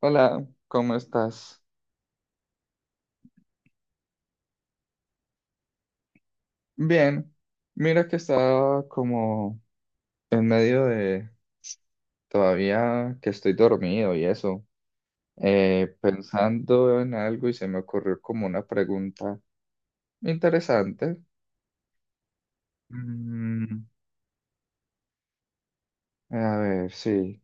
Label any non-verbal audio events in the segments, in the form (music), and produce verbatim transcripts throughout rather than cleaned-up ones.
Hola, ¿cómo estás? Bien, mira que estaba como en medio de todavía que estoy dormido y eso, eh, pensando en algo y se me ocurrió como una pregunta interesante. Mm, a ver, sí,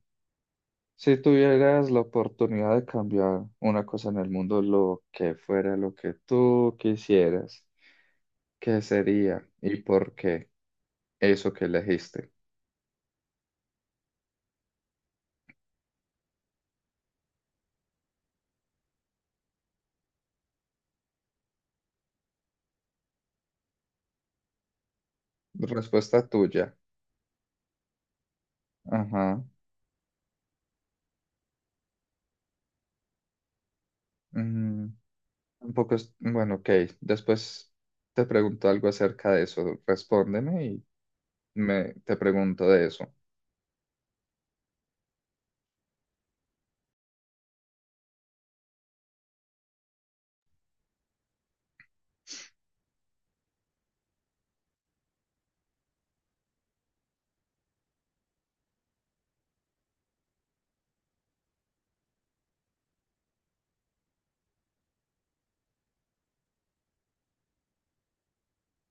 si tuvieras la oportunidad de cambiar una cosa en el mundo, lo que fuera lo que tú quisieras, ¿qué sería y por qué eso que elegiste? Respuesta tuya. Ajá. Mm, un poco, es- bueno, ok. Después te pregunto algo acerca de eso. Respóndeme y me, te pregunto de eso.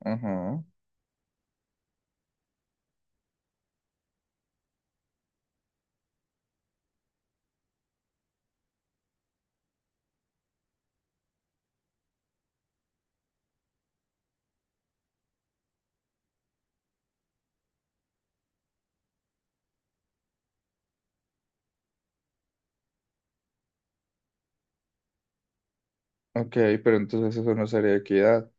Ajá. Ok, pero entonces eso no sería equidad,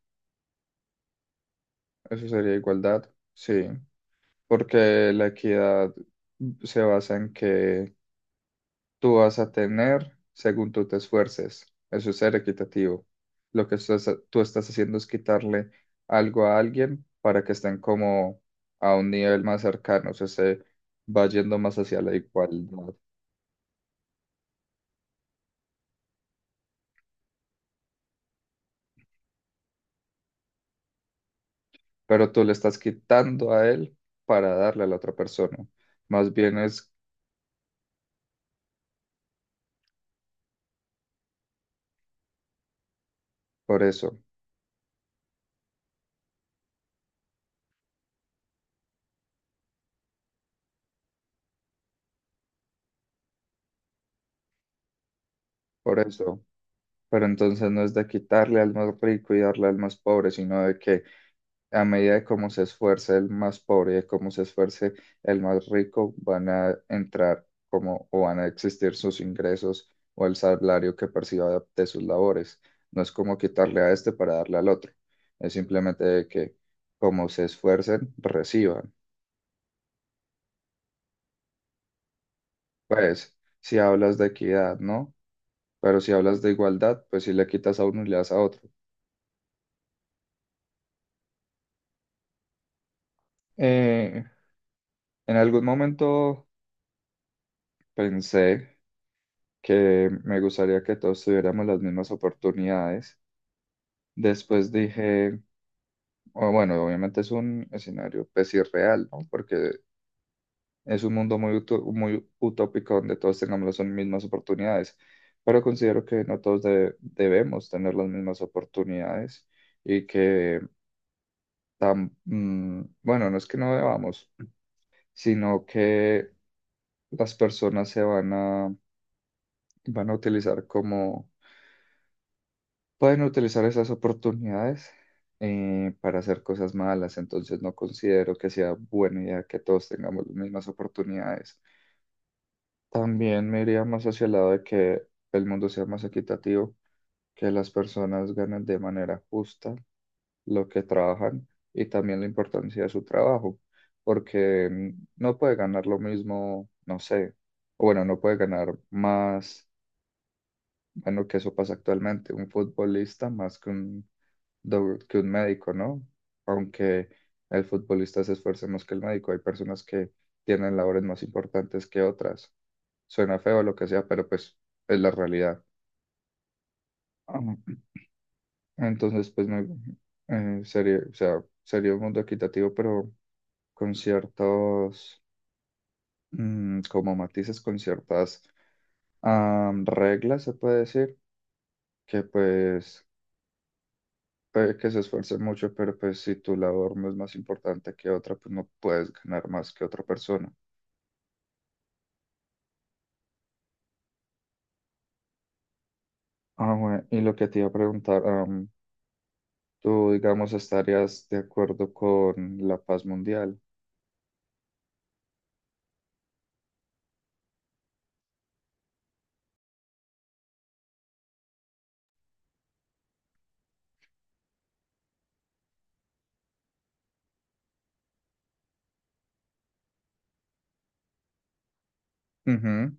eso sería igualdad. Sí, porque la equidad se basa en que tú vas a tener según tú te esfuerces. Eso es ser equitativo. Lo que estás- tú estás haciendo es quitarle algo a alguien para que estén como a un nivel más cercano, o sea, se va yendo más hacia la igualdad. Pero tú le estás quitando a él para darle a la otra persona. Más bien es por eso, por eso. Pero entonces no es de quitarle al más rico y darle al más pobre, sino de que a medida de cómo se esfuerce el más pobre y de cómo se esfuerce el más rico, van a entrar como o van a existir sus ingresos o el salario que perciba de, de sus labores. No es como quitarle a este para darle al otro. Es simplemente de que como se esfuercen, reciban. Pues, si hablas de equidad, ¿no? Pero si hablas de igualdad, pues si le quitas a uno y le das a otro. Eh, en algún momento pensé que me gustaría que todos tuviéramos las mismas oportunidades. Después dije, o bueno, obviamente es un escenario pues irreal, ¿no? Porque es un mundo muy, uto- muy utópico donde todos tengamos las mismas oportunidades, pero considero que no todos de- debemos tener las mismas oportunidades y que, tam- mm, bueno, no es que no debamos, sino que las personas se van a, van a utilizar como pueden utilizar esas oportunidades eh, para hacer cosas malas, entonces no considero que sea buena idea que todos tengamos las mismas oportunidades. También me iría más hacia el lado de que el mundo sea más equitativo, que las personas ganen de manera justa lo que trabajan y también la importancia de su trabajo, porque mm, no puede ganar lo mismo, no sé, o bueno, no puede ganar más, bueno, que eso pasa actualmente, un futbolista más que un do- que un médico, ¿no? Aunque el futbolista se esfuerce más que el médico, hay personas que tienen labores más importantes que otras. Suena feo lo que sea, pero pues es la realidad. (clears throat) Ah, entonces, pues me, eh, sería, o sea, sería un mundo equitativo, pero con ciertos, mm, como matices, con ciertas am, reglas, se puede decir, que pues puede que se esfuerce mucho, pero pues si tu labor no es más importante que otra, pues no puedes ganar más que otra persona. Ah, bueno, y lo que te iba a preguntar, am, tú, digamos, estarías de acuerdo con la paz mundial. Ujú,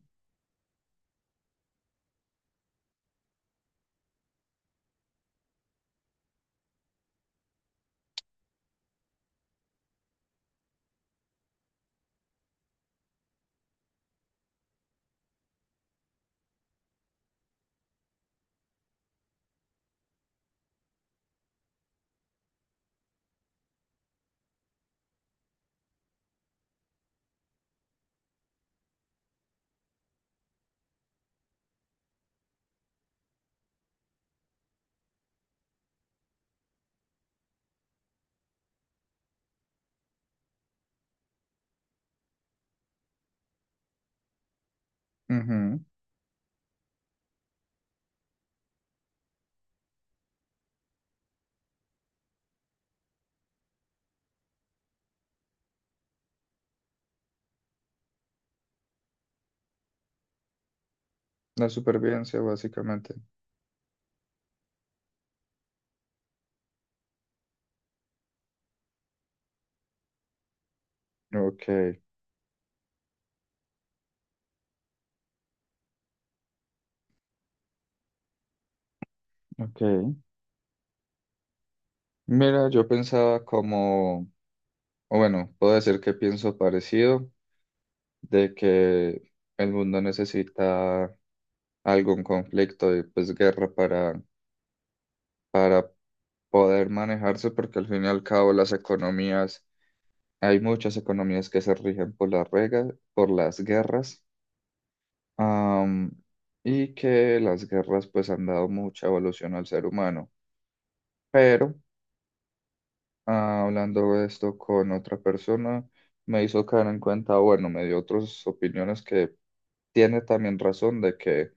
ujú. La supervivencia, básicamente. Ok, ok. Mira, yo pensaba como, o bueno, puedo decir que pienso parecido, de que el mundo necesita algún conflicto y pues guerra para, para poder manejarse porque al fin y al cabo las economías, hay muchas economías que se rigen por las reglas, por las guerras, am, y que las guerras pues han dado mucha evolución al ser humano. Pero ah, hablando de esto con otra persona, me hizo caer en cuenta, bueno, me dio otras opiniones que tiene también razón de que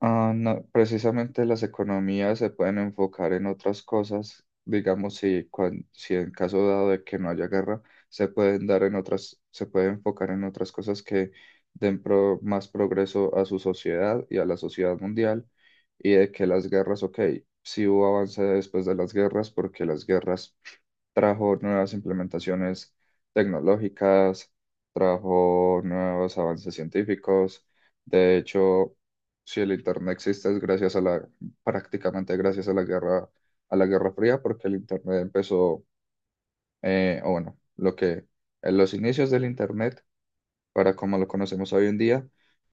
Ah, no, precisamente las economías se pueden enfocar en otras cosas, digamos, si, cuan- si en caso dado de que no haya guerra, se pueden dar en otras, se puede enfocar en otras cosas que den pro- más progreso a su sociedad y a la sociedad mundial, y de que las guerras, ok, sí hubo avance después de las guerras, porque las guerras trajo nuevas implementaciones tecnológicas, trajo nuevos avances científicos. De hecho, si el Internet existe es gracias a la, prácticamente gracias a la guerra, a la Guerra Fría, porque el Internet empezó, eh, o bueno, lo que en los inicios del Internet, para como lo conocemos hoy en día,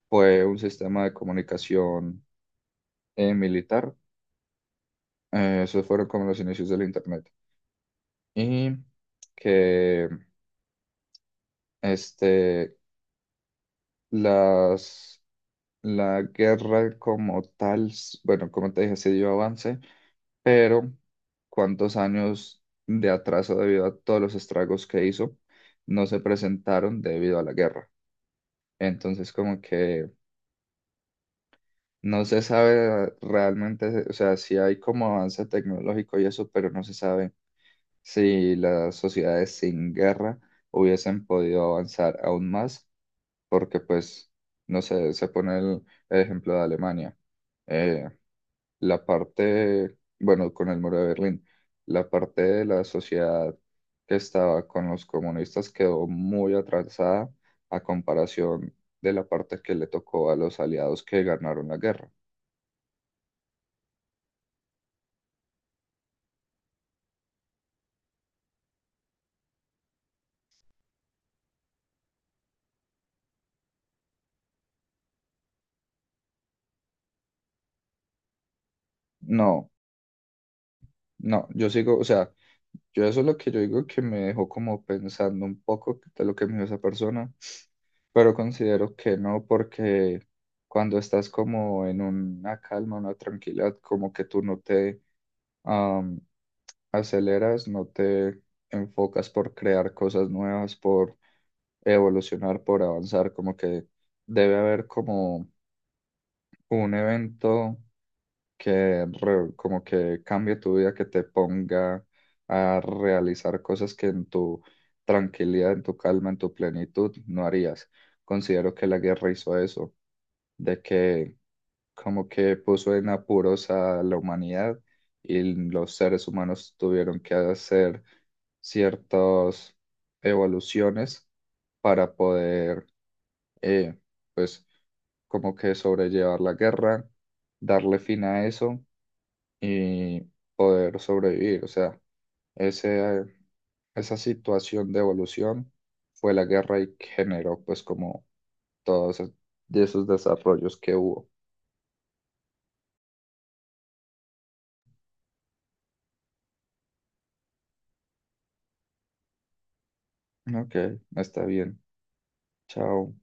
fue un sistema de comunicación eh, militar. Eh, esos fueron como los inicios del Internet. Y que este, las, la guerra como tal, s- bueno, como te dije, se dio avance, pero cuántos años de atraso debido a todos los estragos que hizo no se presentaron debido a la guerra. Entonces, como que no se sabe realmente, o sea, si hay como avance tecnológico y eso, pero no se sabe si las sociedades sin guerra hubiesen podido avanzar aún más, porque pues, no sé, se pone el el ejemplo de Alemania. Eh, la parte, bueno, con el muro de Berlín, la parte de la sociedad que estaba con los comunistas quedó muy atrasada a comparación de la parte que le tocó a los aliados que ganaron la guerra. No, no, yo sigo, o sea, yo eso es lo que yo digo que me dejó como pensando un poco de lo que me dijo esa persona, pero considero que no, porque cuando estás como en una calma, una tranquilidad, como que tú no te am, aceleras, no te enfocas por crear cosas nuevas, por evolucionar, por avanzar, como que debe haber como un evento que re- como que cambie tu vida, que te ponga a realizar cosas que en tu tranquilidad, en tu calma, en tu plenitud no harías. Considero que la guerra hizo eso, de que como que puso en apuros a la humanidad y los seres humanos tuvieron que hacer ciertas evoluciones para poder, eh, pues, como que sobrellevar la guerra, darle fin a eso y poder sobrevivir. O sea, ese, esa situación de evolución fue la guerra y generó pues como todos es- de esos desarrollos que hubo. Ok, está bien. Chao.